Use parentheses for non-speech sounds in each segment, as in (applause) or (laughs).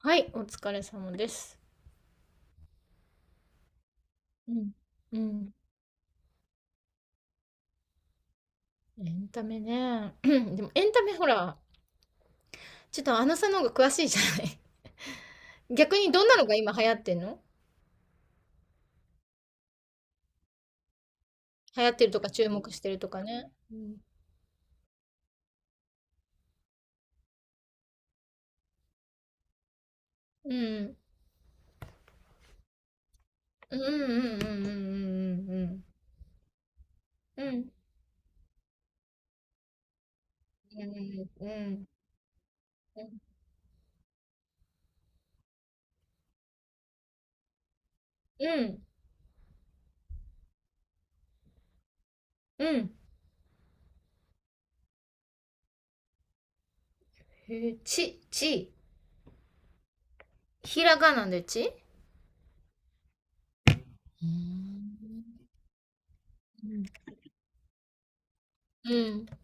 はい、お疲れ様です。うん。うん。エンタメね。(clears throat) でもエンタメほら、ちょっとアナさんの方が詳しいじゃない。(laughs) 逆にどんなのが今流行ってんの？流行ってるとか注目してるとかね。うん。うん。うんうんうんうんうんうんうん。うん。うんうんうんうん。うん。へえ、ち、ち。ひらがなでち。うーん。うん。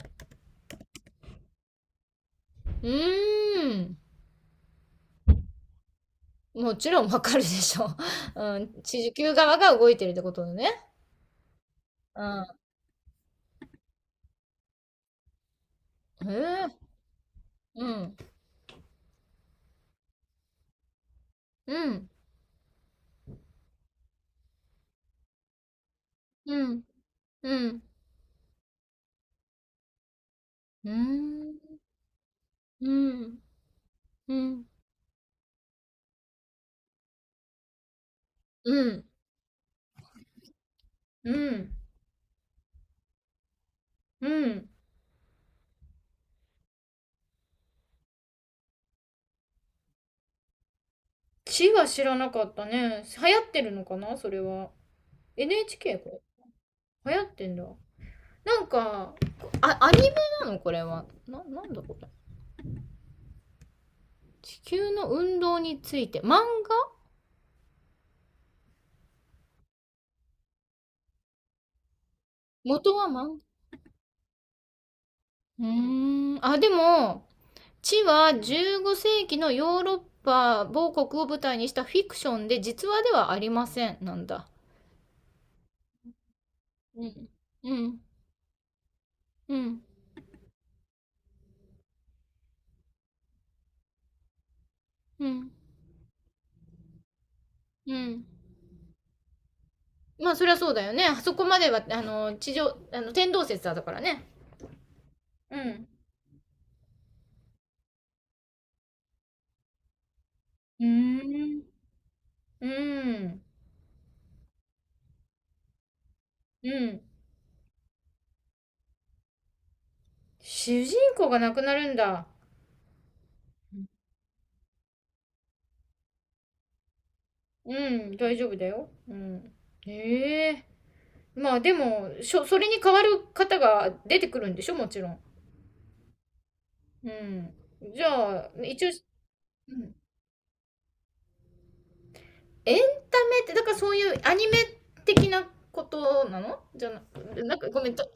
うーん。もちろんわかるでしょ。(laughs) うん、地球側が動いてるってことだね。うん。へえ。うん。うん。うん。うん。うん。うん。うん。うん。うん。うん。地は知らなかったね。流行ってるのかなそれは。NHK これ。流行ってんだ。なんか、あ、アニメなのこれは。なんだこれ。地球の運動について。漫画。元は漫画。うーん。あ、でも、地は15世紀のヨーロッパ某国を舞台にしたフィクションで実話ではありませんなんだ。うん。うん。うん。うん。うん。まあそりゃそうだよね。あそこまでは、あの、地上、あの、天動説だからね。うん。うーん。うん。うん。主人公が亡くなるんだ。うん。大丈夫だよ。うん。ええ、まあでも、それに代わる方が出てくるんでしょもちろん。うん。じゃあ、一応、うん、エンタメって、だからそういうアニメ的なことなのじゃなく、なんかごめん、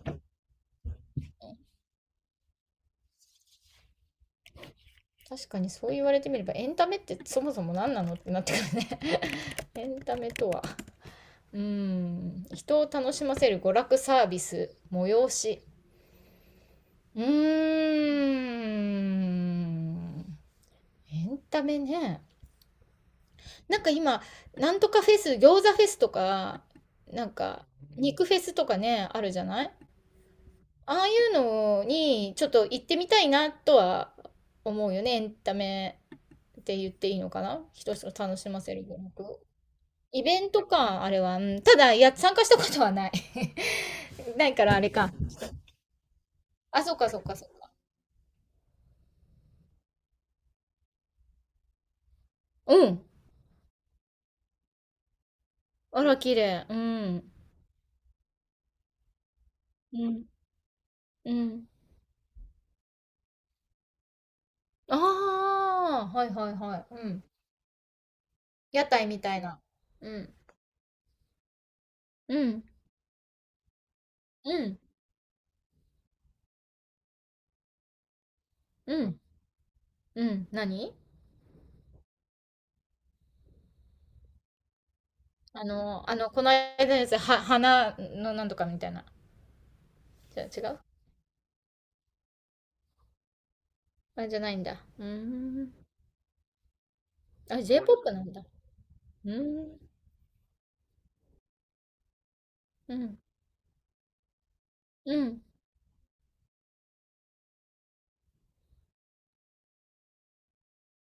確かにそう言われてみれば、エンタメってそもそも何なのってなってくるね。 (laughs) エンタメとは、うーん、人を楽しませる娯楽サービス、催し。うーん、エンタメね。なんか今、なんとかフェス、餃子フェスとか、なんか、肉フェスとかね、あるじゃない。ああいうのにちょっと行ってみたいなとは思うよね。エンタメって言っていいのかな、人を楽しませる娯楽。イベントか、あれは。うん、ただ、いや、参加したことはない。(laughs) ないから、あれか。あ、そっかそっかそっか。うん。あら、綺麗。うん。うん。うん。ああ、はいはいはい。うん。屋台みたいな。うん。うん。うん。うん。うん。何？あの、この間のやつ、は、花のなんとかみたいな。じゃあ違う？あ、じゃないんだ。うーん。あ、j ポップなんだ。うーん。うん。うん。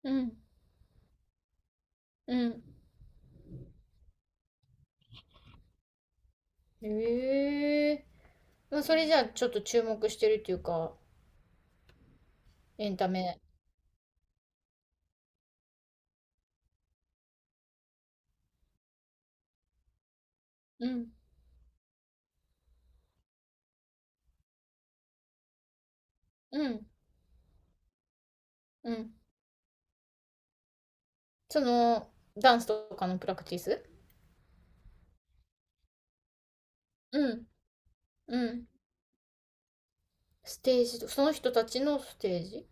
うん。うん。ええ、まあ、それじゃあ、ちょっと注目してるっていうか、エンタメ。うん。うん。うん。その、ダンスとかのプラクティス。うん。うん。ステージと、その人たちのステージ。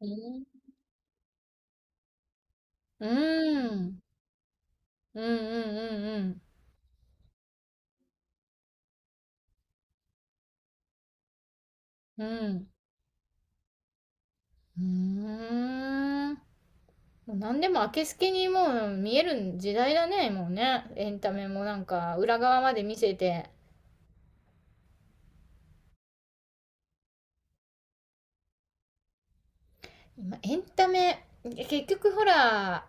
うん。うーん。うんうんうんうん。うん。うーん。もう何でも明けすけにもう見える時代だね、もうね。エンタメもなんか裏側まで見せて。今、エンタメ、結局ほら、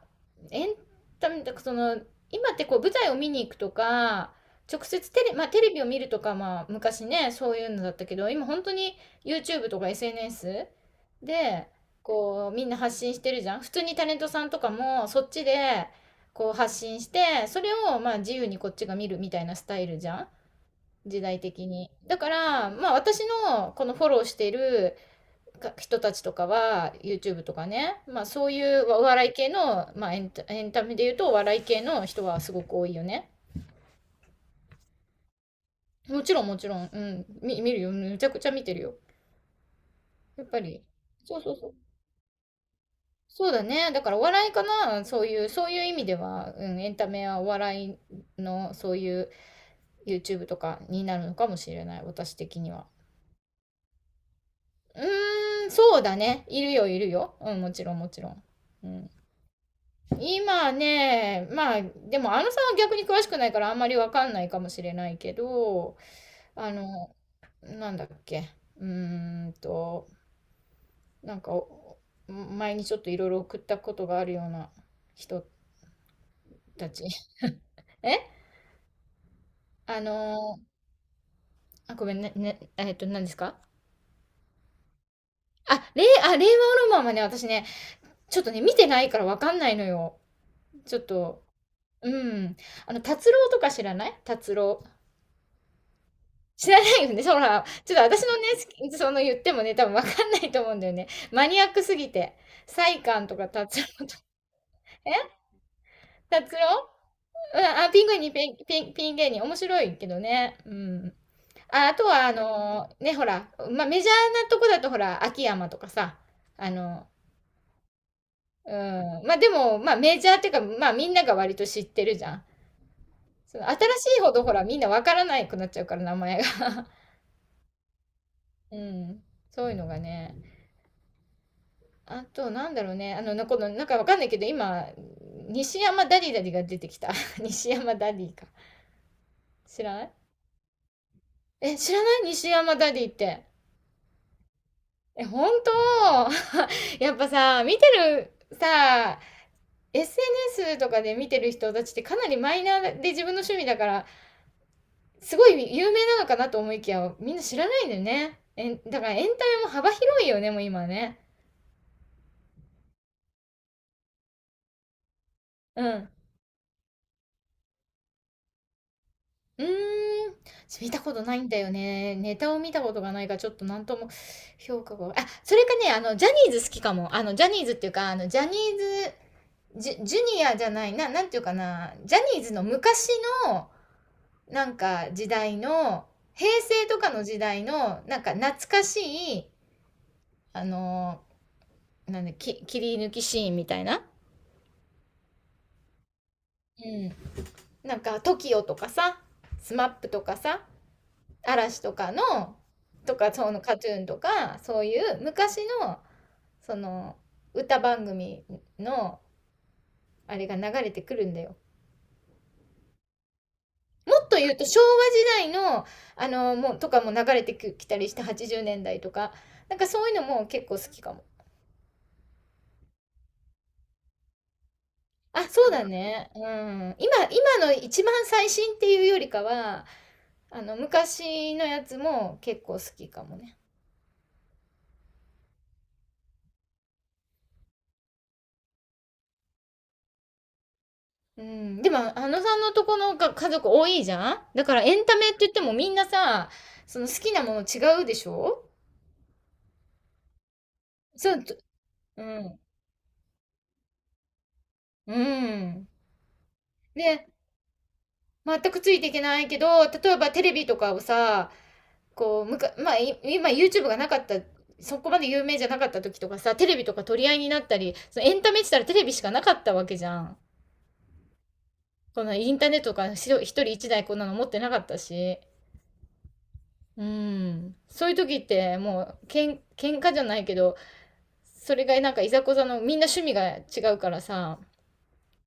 エンタメ、だかその、今ってこう舞台を見に行くとか、直接テレ、まあ、テレビを見るとか、まあ、昔ね、そういうのだったけど、今本当に YouTube とか SNS で、こう、みんな発信してるじゃん。普通にタレントさんとかも、そっちで、こう発信して、それをまあ自由にこっちが見るみたいなスタイルじゃん。時代的に。だから、まあ私のこのフォローしているか人たちとかは、YouTube とかね、まあそういうお笑い系の、まあエンタメで言うとお笑い系の人はすごく多いよね。もちろんもちろん、うん、見るよ。めちゃくちゃ見てるよ。やっぱり。そうそうそう。そうだね。だからお笑いかな。そういう、そういう意味では、うん、エンタメはお笑いの、そういう YouTube とかになるのかもしれない。私的には。うーん、そうだね。いるよ、いるよ。うん、もちろん、もちろん。うん、今ね、まあ、でも、あのさんは逆に詳しくないから、あんまりわかんないかもしれないけど、あの、なんだっけ。うーんと、なんか、お前にちょっといろいろ送ったことがあるような人たち。(laughs) え、あの、あ、ごめんね、ね、えっと、何ですか？あ、令和ロマンはね、私ね、ちょっとね、見てないからわかんないのよ。ちょっと、うん。あの、達郎とか知らない？達郎。知らないよね。そら、ちょっと私のね、好きその言ってもね、多分わかんないと思うんだよね。マニアックすぎて。サイカンとか達郎。え、達郎。うん、あ、ピン芸人。面白いけどね。うん。あ、あとは、あのね、ほら、まあ、メジャーなとこだと、ほら、秋山とかさ、あの、うん。まあ、でも、まあ、メジャーっていうか、まあ、みんなが割と知ってるじゃん。その新しいほど、ほら、みんなわからなくなっちゃうから、名前が。うん、そういうのがね。あと、なんだろうね。あの、この、なんかわかんないけど、今、西山ダディが出てきた。(laughs) 西山ダディか。知らない？え、知らない西山ダディって。え、本当？ (laughs) やっぱさ、見てる、さ、SNS とかで見てる人たちってかなりマイナーで自分の趣味だから、すごい有名なのかなと思いきや、みんな知らないんだよね。え、だからエンタメも幅広いよね、もう今ね。うん。うーん、見たことないんだよね。ネタを見たことがないから、ちょっとなんとも評価が。あ、それかね、あの、ジャニーズ好きかも。あの、ジャニーズっていうか、あの、ジャニーズ、ジュニアじゃない、なんていうかな、ジャニーズの昔の、なんか、時代の、平成とかの時代の、なんか、懐かしい、あの、なんだ、切り抜きシーンみたいな。うん。なんか、トキオとかさ、スマップとかさ、嵐とかのとかそのカトゥーンとかそういう昔のその歌番組のあれが流れてくるんだよ。もっと言うと昭和時代のあのもうとかも流れてきたりして80年代とかなんかそういうのも結構好きかも。あ、そうだね。うん、今の一番最新っていうよりかはあの昔のやつも結構好きかもね。うん、でも、あのさんのとこのが家族多いじゃん。だからエンタメって言ってもみんなさ、その好きなもの違うでしょ？そう、と、うん、うん。で、全くついていけないけど、例えばテレビとかをさ、こう、まあ、今 YouTube がなかった、そこまで有名じゃなかった時とかさ、テレビとか取り合いになったり、そのエンタメって言ったらテレビしかなかったわけじゃん。このインターネットとかしろ一人一台こんなの持ってなかったし。うん。そういう時って、もう、喧嘩じゃないけど、それがなんかいざこざのみんな趣味が違うからさ